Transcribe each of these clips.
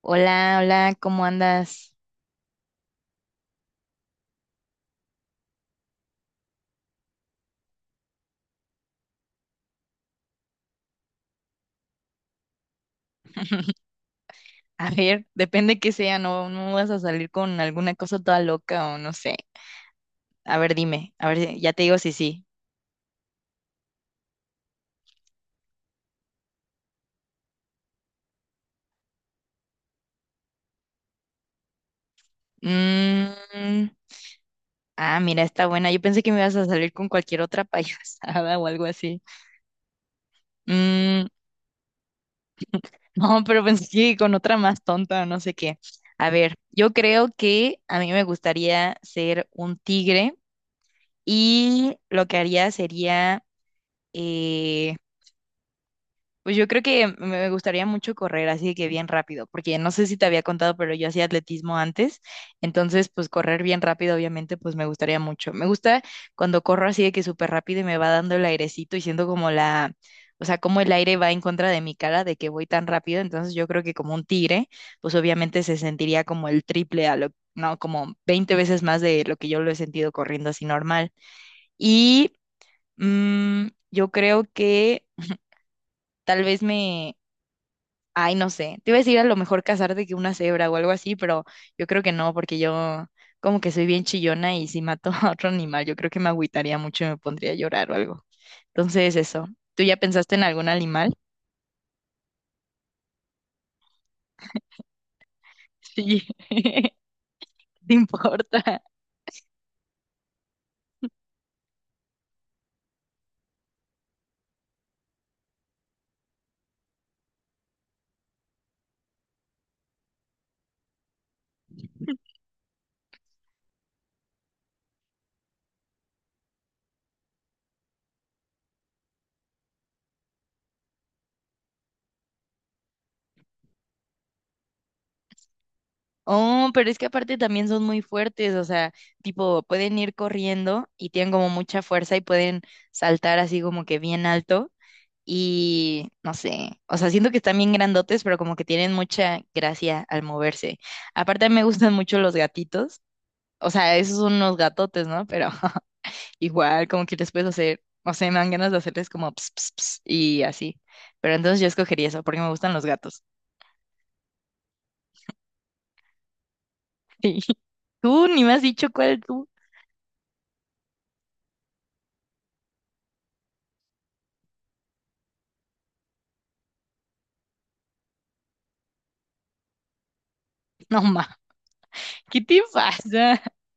Hola, hola, ¿cómo andas? A ver, depende que sea, no, no vas a salir con alguna cosa toda loca o no sé. A ver, dime, a ver, ya te digo si sí. Mm, ah, mira, está buena. Yo pensé que me ibas a salir con cualquier otra payasada o algo así. Mm, no, pero pensé que con otra más tonta o no sé qué. A ver, yo creo que a mí me gustaría ser un tigre y lo que haría sería... eh, Pues yo creo que me gustaría mucho correr así que bien rápido, porque no sé si te había contado, pero yo hacía atletismo antes, entonces pues correr bien rápido obviamente pues me gustaría mucho. Me gusta cuando corro así de que súper rápido y me va dando el airecito y siento como la, o sea, como el aire va en contra de mi cara de que voy tan rápido, entonces yo creo que como un tigre, pues obviamente se sentiría como el triple a lo, no, como 20 veces más de lo que yo lo he sentido corriendo así normal. Y yo creo que tal vez me, ay, no sé. Te iba a decir a lo mejor casarte que una cebra o algo así, pero yo creo que no, porque yo como que soy bien chillona y si mato a otro animal, yo creo que me agüitaría mucho y me pondría a llorar o algo. Entonces, eso. ¿Tú ya pensaste en algún animal? Sí. ¿Te importa? Oh, pero es que aparte también son muy fuertes, o sea, tipo, pueden ir corriendo y tienen como mucha fuerza y pueden saltar así como que bien alto. Y no sé, o sea, siento que están bien grandotes, pero como que tienen mucha gracia al moverse. Aparte, me gustan mucho los gatitos. O sea, esos son unos gatotes, ¿no? Pero igual, como que les puedes hacer, o sea, me dan ganas de hacerles como ps, ps, ps, y así. Pero entonces yo escogería eso, porque me gustan los gatos. Sí. Tú ni me has dicho cuál tú. No, ma, ¿qué te pasa?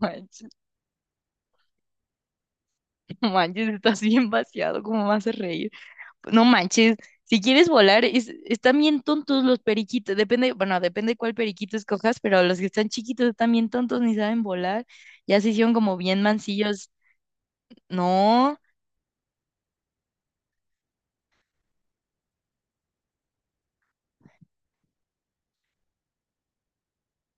Manches, no manches, estás bien vaciado, ¿cómo me haces reír? No manches, si quieres volar, están bien tontos los periquitos. Depende, bueno, depende cuál periquito escojas, pero los que están chiquitos están bien tontos, ni saben volar. Ya se hicieron como bien mancillos. No,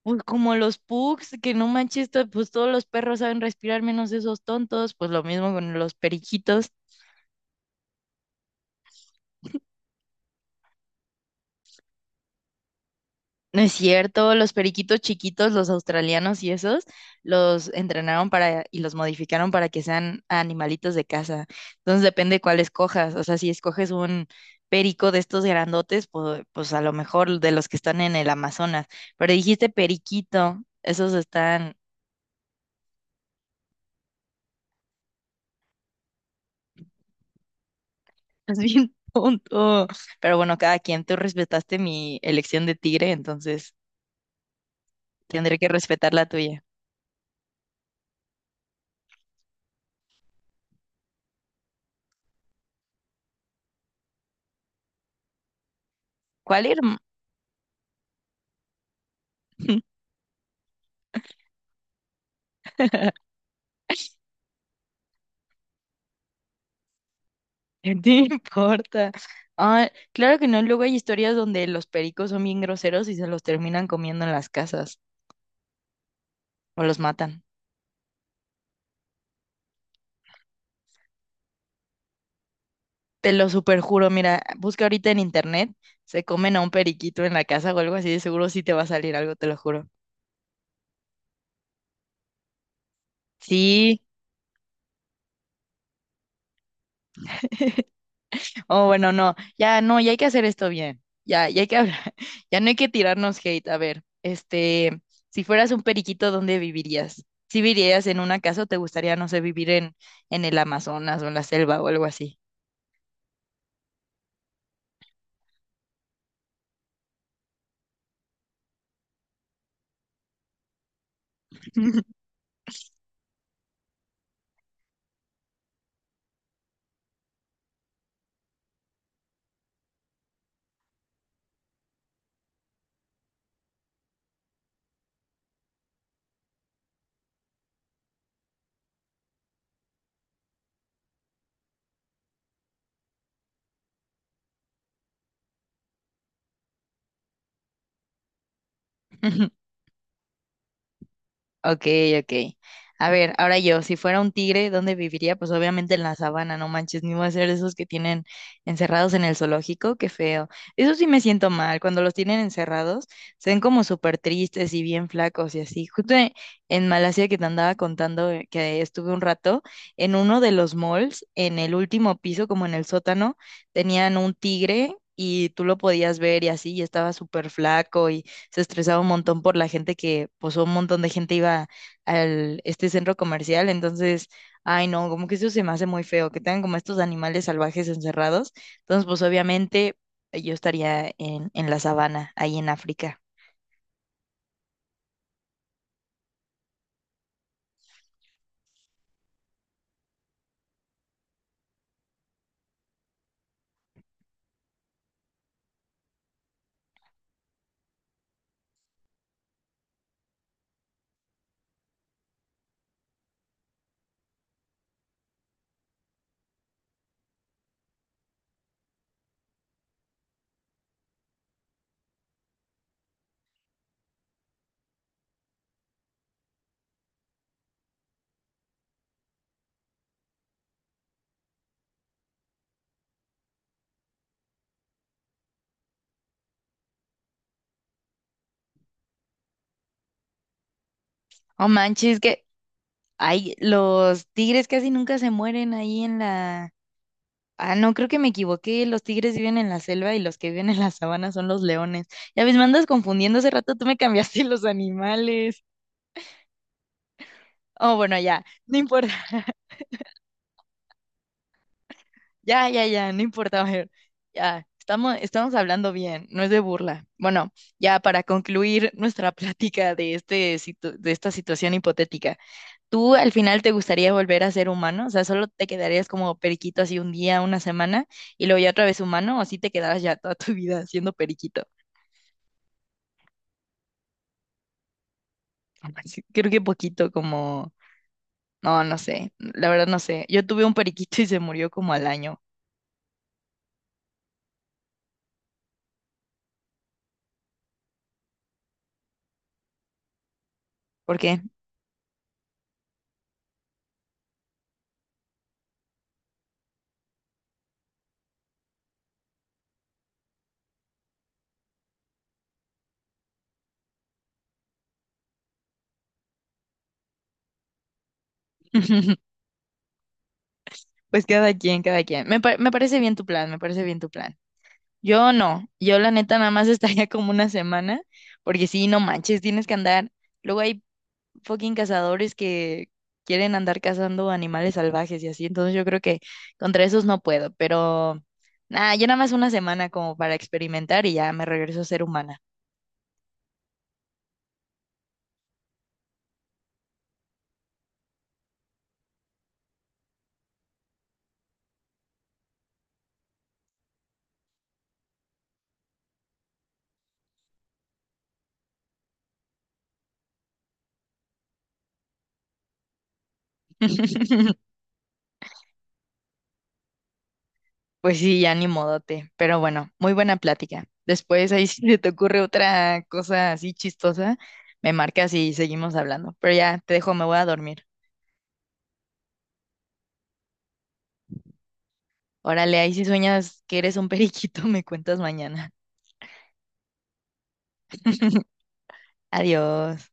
pues como los pugs, que no manches, pues todos los perros saben respirar menos esos tontos. Pues lo mismo con los periquitos. No es cierto, los periquitos chiquitos, los australianos y esos, los entrenaron para y los modificaron para que sean animalitos de casa. Entonces depende cuál escojas. O sea, si escoges un perico de estos grandotes, pues, pues a lo mejor de los que están en el Amazonas. Pero dijiste periquito, esos están, es bien tonto. Pero bueno, cada quien, tú respetaste mi elección de tigre, entonces tendré que respetar la tuya. ¿Cuál ir? ¿No importa? Ah, claro que no, luego hay historias donde los pericos son bien groseros y se los terminan comiendo en las casas o los matan. Te lo superjuro, mira, busca ahorita en internet, se comen a un periquito en la casa o algo así, de seguro sí te va a salir algo, te lo juro. Sí, oh, bueno, no, ya no, ya hay que hacer esto bien, ya, ya hay que hablar, ya no hay que tirarnos hate. A ver, este, si fueras un periquito, ¿dónde vivirías? ¿Si vivirías en una casa o te gustaría, no sé, vivir en el Amazonas o en la selva o algo así? Ok, ok. A ver, ahora yo, si fuera un tigre, ¿dónde viviría? Pues obviamente en la sabana, no manches, ni voy a ser de esos que tienen encerrados en el zoológico, qué feo. Eso sí me siento mal, cuando los tienen encerrados, se ven como súper tristes y bien flacos y así. Justo en Malasia que te andaba contando, que estuve un rato, en uno de los malls, en el último piso, como en el sótano, tenían un tigre. Y tú lo podías ver y así, y estaba súper flaco, se estresaba un montón por la gente que, pues un montón de gente iba al este centro comercial, entonces, ay no, como que eso se me hace muy feo, que tengan como estos animales salvajes encerrados. Entonces, pues obviamente yo estaría en la sabana, ahí en África. Oh manches, que ay, los tigres casi nunca se mueren ahí en la. Ah, no, creo que me equivoqué. Los tigres viven en la selva y los que viven en la sabana son los leones. Ya ves, me andas confundiendo. Hace rato tú me cambiaste los animales. Oh, bueno, ya, no importa. Ya, ya, ya, no importa, Mayor. Ya, estamos hablando bien, no es de burla. Bueno, ya para concluir nuestra plática de este, de esta situación hipotética, ¿tú al final te gustaría volver a ser humano? O sea, ¿solo te quedarías como periquito así un día, una semana, y luego ya otra vez humano, o sí te quedarás ya toda tu vida siendo periquito? Sí, creo que poquito como. No, no sé, la verdad no sé. Yo tuve un periquito y se murió como al año. ¿Por qué? Pues cada quien, cada quien. Me parece bien tu plan, me parece bien tu plan. Yo no, yo la neta nada más estaría como una semana, porque sí, no manches, tienes que andar. Luego hay fucking cazadores que quieren andar cazando animales salvajes y así, entonces yo creo que contra esos no puedo, pero nada, yo nada más una semana como para experimentar y ya me regreso a ser humana. Pues sí, ya ni modote, pero bueno, muy buena plática. Después ahí si te ocurre otra cosa así chistosa, me marcas y seguimos hablando, pero ya te dejo, me voy a dormir. Órale, ahí si sueñas que eres un periquito, me cuentas mañana. Adiós.